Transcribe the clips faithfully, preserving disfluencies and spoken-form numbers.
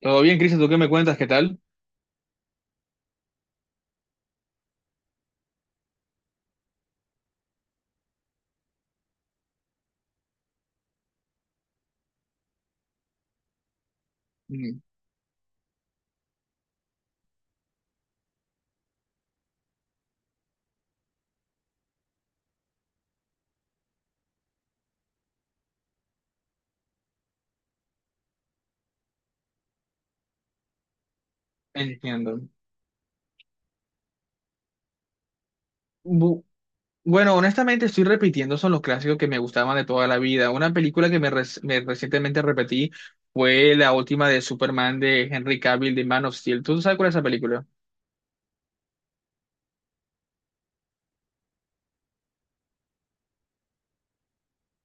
Todo bien, Cristian, ¿tú qué me cuentas? ¿Qué tal? Mm. Entiendo. Bu- bueno, honestamente estoy repitiendo, son los clásicos que me gustaban de toda la vida. Una película que me, rec- me recientemente repetí fue la última de Superman de Henry Cavill de Man of Steel. ¿Tú sabes cuál es esa película?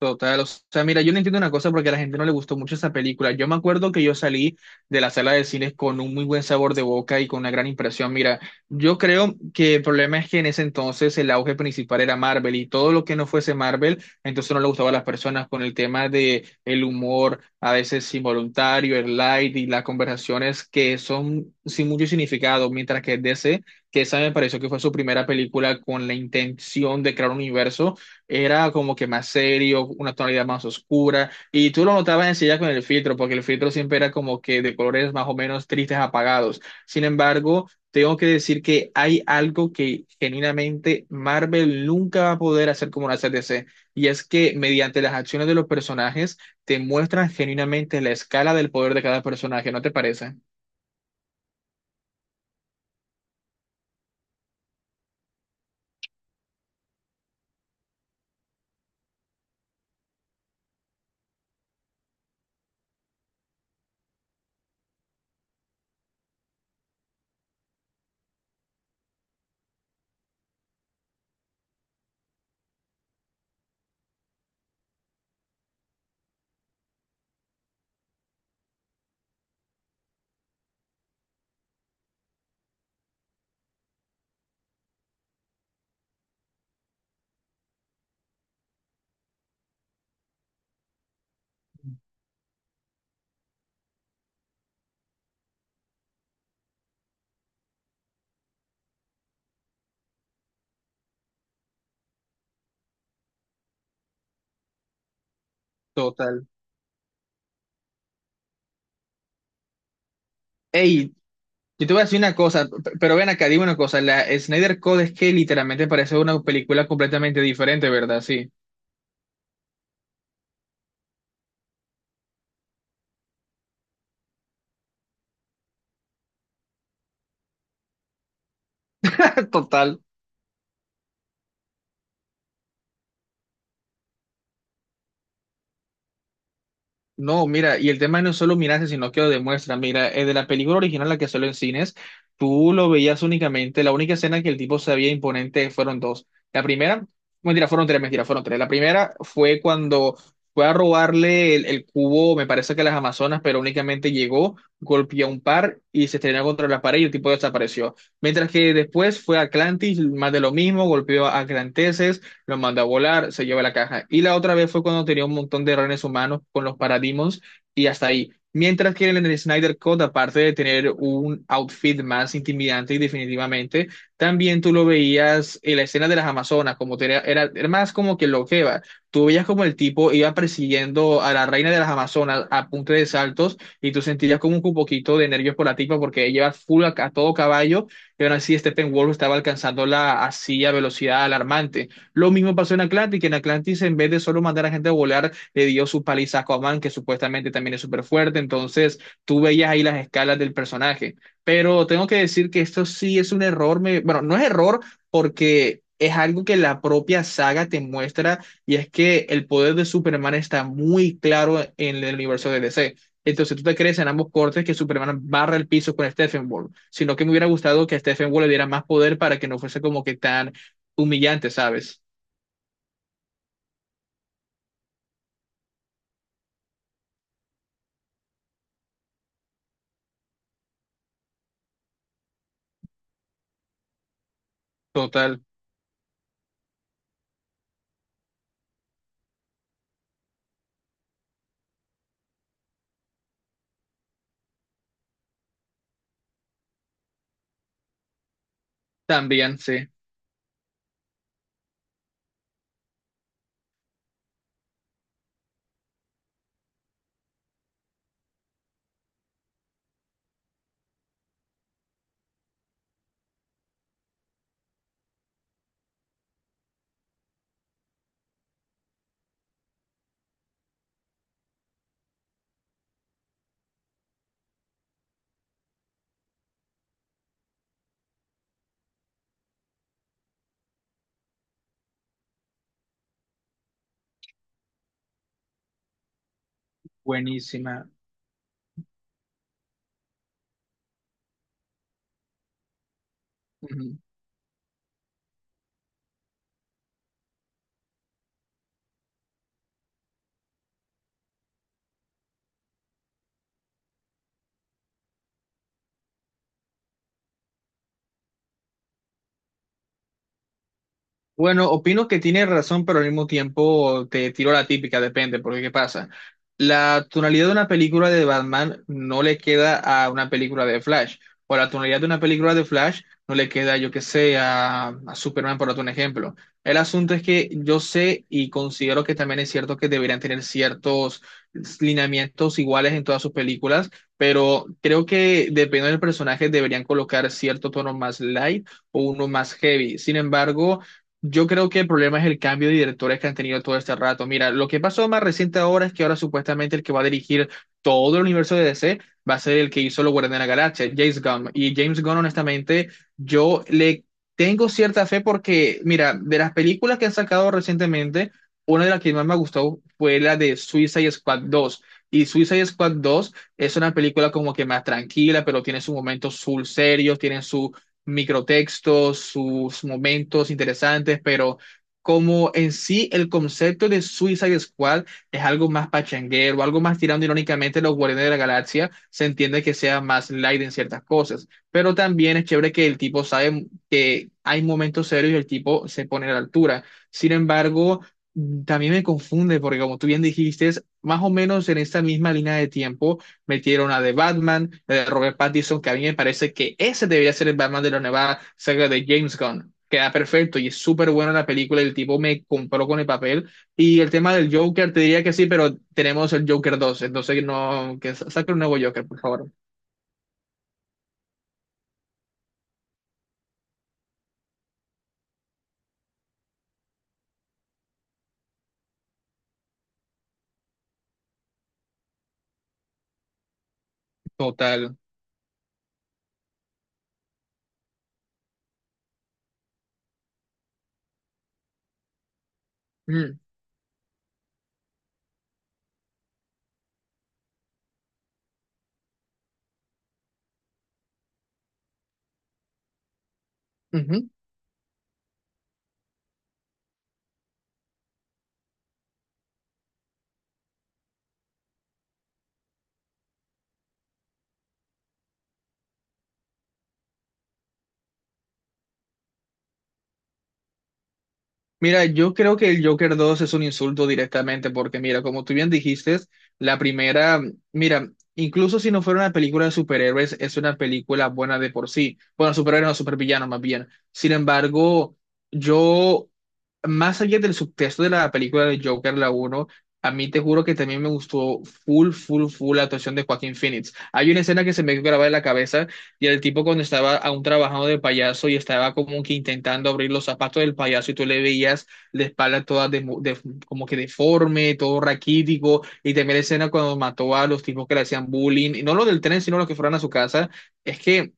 Total, o sea, mira, yo no entiendo una cosa porque a la gente no le gustó mucho esa película. Yo me acuerdo que yo salí de la sala de cines con un muy buen sabor de boca y con una gran impresión. Mira, yo creo que el problema es que en ese entonces el auge principal era Marvel y todo lo que no fuese Marvel, entonces no le gustaba a las personas con el tema de el humor, a veces involuntario, el light y las conversaciones que son sin mucho significado, mientras que D C, que esa me pareció que fue su primera película con la intención de crear un universo era como que más serio, una tonalidad más oscura, y tú lo notabas enseguida con el filtro, porque el filtro siempre era como que de colores más o menos tristes, apagados. Sin embargo, tengo que decir que hay algo que genuinamente Marvel nunca va a poder hacer como lo hace D C, y es que mediante las acciones de los personajes te muestran genuinamente la escala del poder de cada personaje, ¿no te parece? Total. Hey. Yo te voy a decir una cosa, p- pero ven acá, dime una cosa, la Snyder Code es que literalmente parece una película completamente diferente, ¿verdad? Sí. Total. No, mira, y el tema no es solo mirarse, sino que lo demuestra. Mira, eh, de la película original, la que salió en cines, tú lo veías únicamente, la única escena que el tipo se veía imponente fueron dos. La primera, mentira, fueron tres, mentira, fueron tres. La primera fue cuando fue a robarle el, el cubo, me parece que a las Amazonas, pero únicamente llegó, golpeó a un par y se estrenó contra la pared y el tipo desapareció. Mientras que después fue a Atlantis, más de lo mismo, golpeó a Atlantes lo manda a volar, se lleva la caja. Y la otra vez fue cuando tenía un montón de renes humanos con los Parademons y hasta ahí. Mientras que en el Snyder Cut, aparte de tener un outfit más intimidante y definitivamente, también tú lo veías en la escena de las Amazonas, como te- era, era más como que lo que va. Tú veías como el tipo iba persiguiendo a la reina de las Amazonas a punta de saltos y tú sentías como un poquito de nervios por la tipa porque ella iba full a, a todo caballo y aún así Steppenwolf estaba alcanzándola así a velocidad alarmante. Lo mismo pasó en Atlantis, que en Atlantis en vez de solo mandar a gente a volar, le dio su paliza a Aquaman, que supuestamente también es súper fuerte, entonces tú veías ahí las escalas del personaje. Pero tengo que decir que esto sí es un error, me... bueno, no es error porque es algo que la propia saga te muestra y es que el poder de Superman está muy claro en el universo de D C. Entonces tú te crees en ambos cortes que Superman barra el piso con Steppenwolf, sino que me hubiera gustado que a Steppenwolf le diera más poder para que no fuese como que tan humillante, ¿sabes? Total, también, sí, buenísima. Ujú. Bueno, opino que tiene razón, pero al mismo tiempo te tiro la típica, depende, porque ¿qué pasa? La tonalidad de una película de Batman no le queda a una película de Flash, o la tonalidad de una película de Flash no le queda, yo qué sé, a, a Superman, por otro ejemplo. El asunto es que yo sé y considero que también es cierto que deberían tener ciertos lineamientos iguales en todas sus películas, pero creo que dependiendo del personaje deberían colocar cierto tono más light o uno más heavy. Sin embargo, yo creo que el problema es el cambio de directores que han tenido todo este rato. Mira, lo que pasó más reciente ahora es que ahora supuestamente el que va a dirigir todo el universo de D C va a ser el que hizo Los Guardianes de la Galaxia, James Gunn. Y James Gunn, honestamente, yo le tengo cierta fe porque, mira, de las películas que han sacado recientemente, una de las que más me gustó fue la de Suicide Squad dos. Y Suicide Squad dos es una película como que más tranquila, pero tiene sus momentos full serios, tiene sus microtextos, sus momentos interesantes, pero como en sí el concepto de Suicide Squad es algo más pachanguero, algo más tirando irónicamente a los Guardianes de la Galaxia, se entiende que sea más light en ciertas cosas, pero también es chévere que el tipo sabe que hay momentos serios y el tipo se pone a la altura. Sin embargo, mm, también me confunde porque como tú bien dijiste, es más o menos en esta misma línea de tiempo metieron a de Batman, la de Robert Pattinson, que a mí me parece que ese debería ser el Batman de la nueva saga de James Gunn. Queda perfecto y es súper buena la película, el tipo me compró con el papel. Y el tema del Joker, te diría que sí, pero tenemos el Joker dos entonces no, que sa- saque un nuevo Joker, por favor. Total. Mm, ujú. Mira, yo creo que el Joker dos es un insulto directamente, porque mira, como tú bien dijiste, la primera, mira, incluso si no fuera una película de superhéroes, es una película buena de por sí. Bueno, superhéroes no, supervillanos más bien. Sin embargo, yo más allá del subtexto de la película de Joker, la uno a mí te juro que también me gustó full, full, full la actuación de Joaquín Phoenix. Hay una escena que se me quedó grabada en la cabeza y el tipo cuando estaba aún trabajando de payaso y estaba como que intentando abrir los zapatos del payaso y tú le veías la espalda toda de, de- como que deforme, todo raquítico y también la escena cuando mató a los tipos que le hacían bullying, y no los del tren, sino los que fueron a su casa. Es que...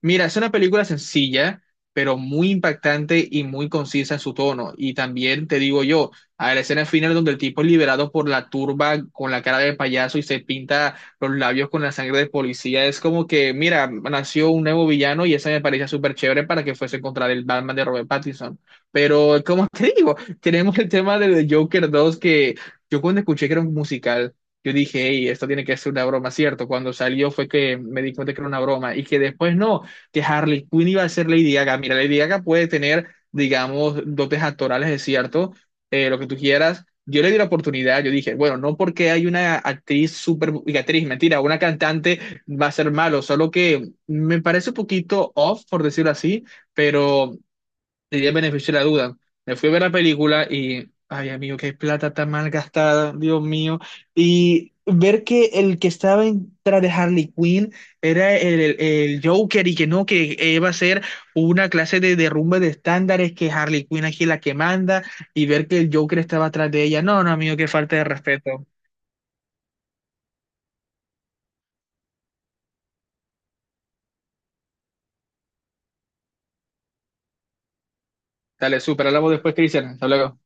Mira, es una película sencilla, pero muy impactante y muy concisa en su tono. Y también te digo yo, a la escena final donde el tipo es liberado por la turba con la cara de payaso y se pinta los labios con la sangre de policía, es como que, mira, nació un nuevo villano y esa me parecía súper chévere para que fuese contra el Batman de Robert Pattinson. Pero, como te digo, tenemos el tema de The Joker dos que yo cuando escuché que era un musical. Yo dije, hey, esto tiene que ser una broma, ¿cierto? Cuando salió fue que me di cuenta que era una broma y que después no, que Harley Quinn iba a ser Lady Gaga. Mira, Lady Gaga puede tener, digamos, dotes actorales, es cierto, eh, lo que tú quieras. Yo le di la oportunidad, yo dije, bueno, no porque hay una actriz súper, y actriz, mentira, una cantante va a ser malo, solo que me parece un poquito off, por decirlo así, pero diría el beneficio de la duda. Me fui a ver la película y, ay, amigo, qué plata tan mal gastada, Dios mío. Y ver que el que estaba en- tras de Harley Quinn era el, el- el Joker y que no, que eh, iba a ser una clase de derrumbe de estándares, que Harley Quinn aquí es la que manda, y ver que el Joker estaba atrás de ella. No, no, amigo, qué falta de respeto. Dale, super, hablamos después, Cristian. Hasta luego.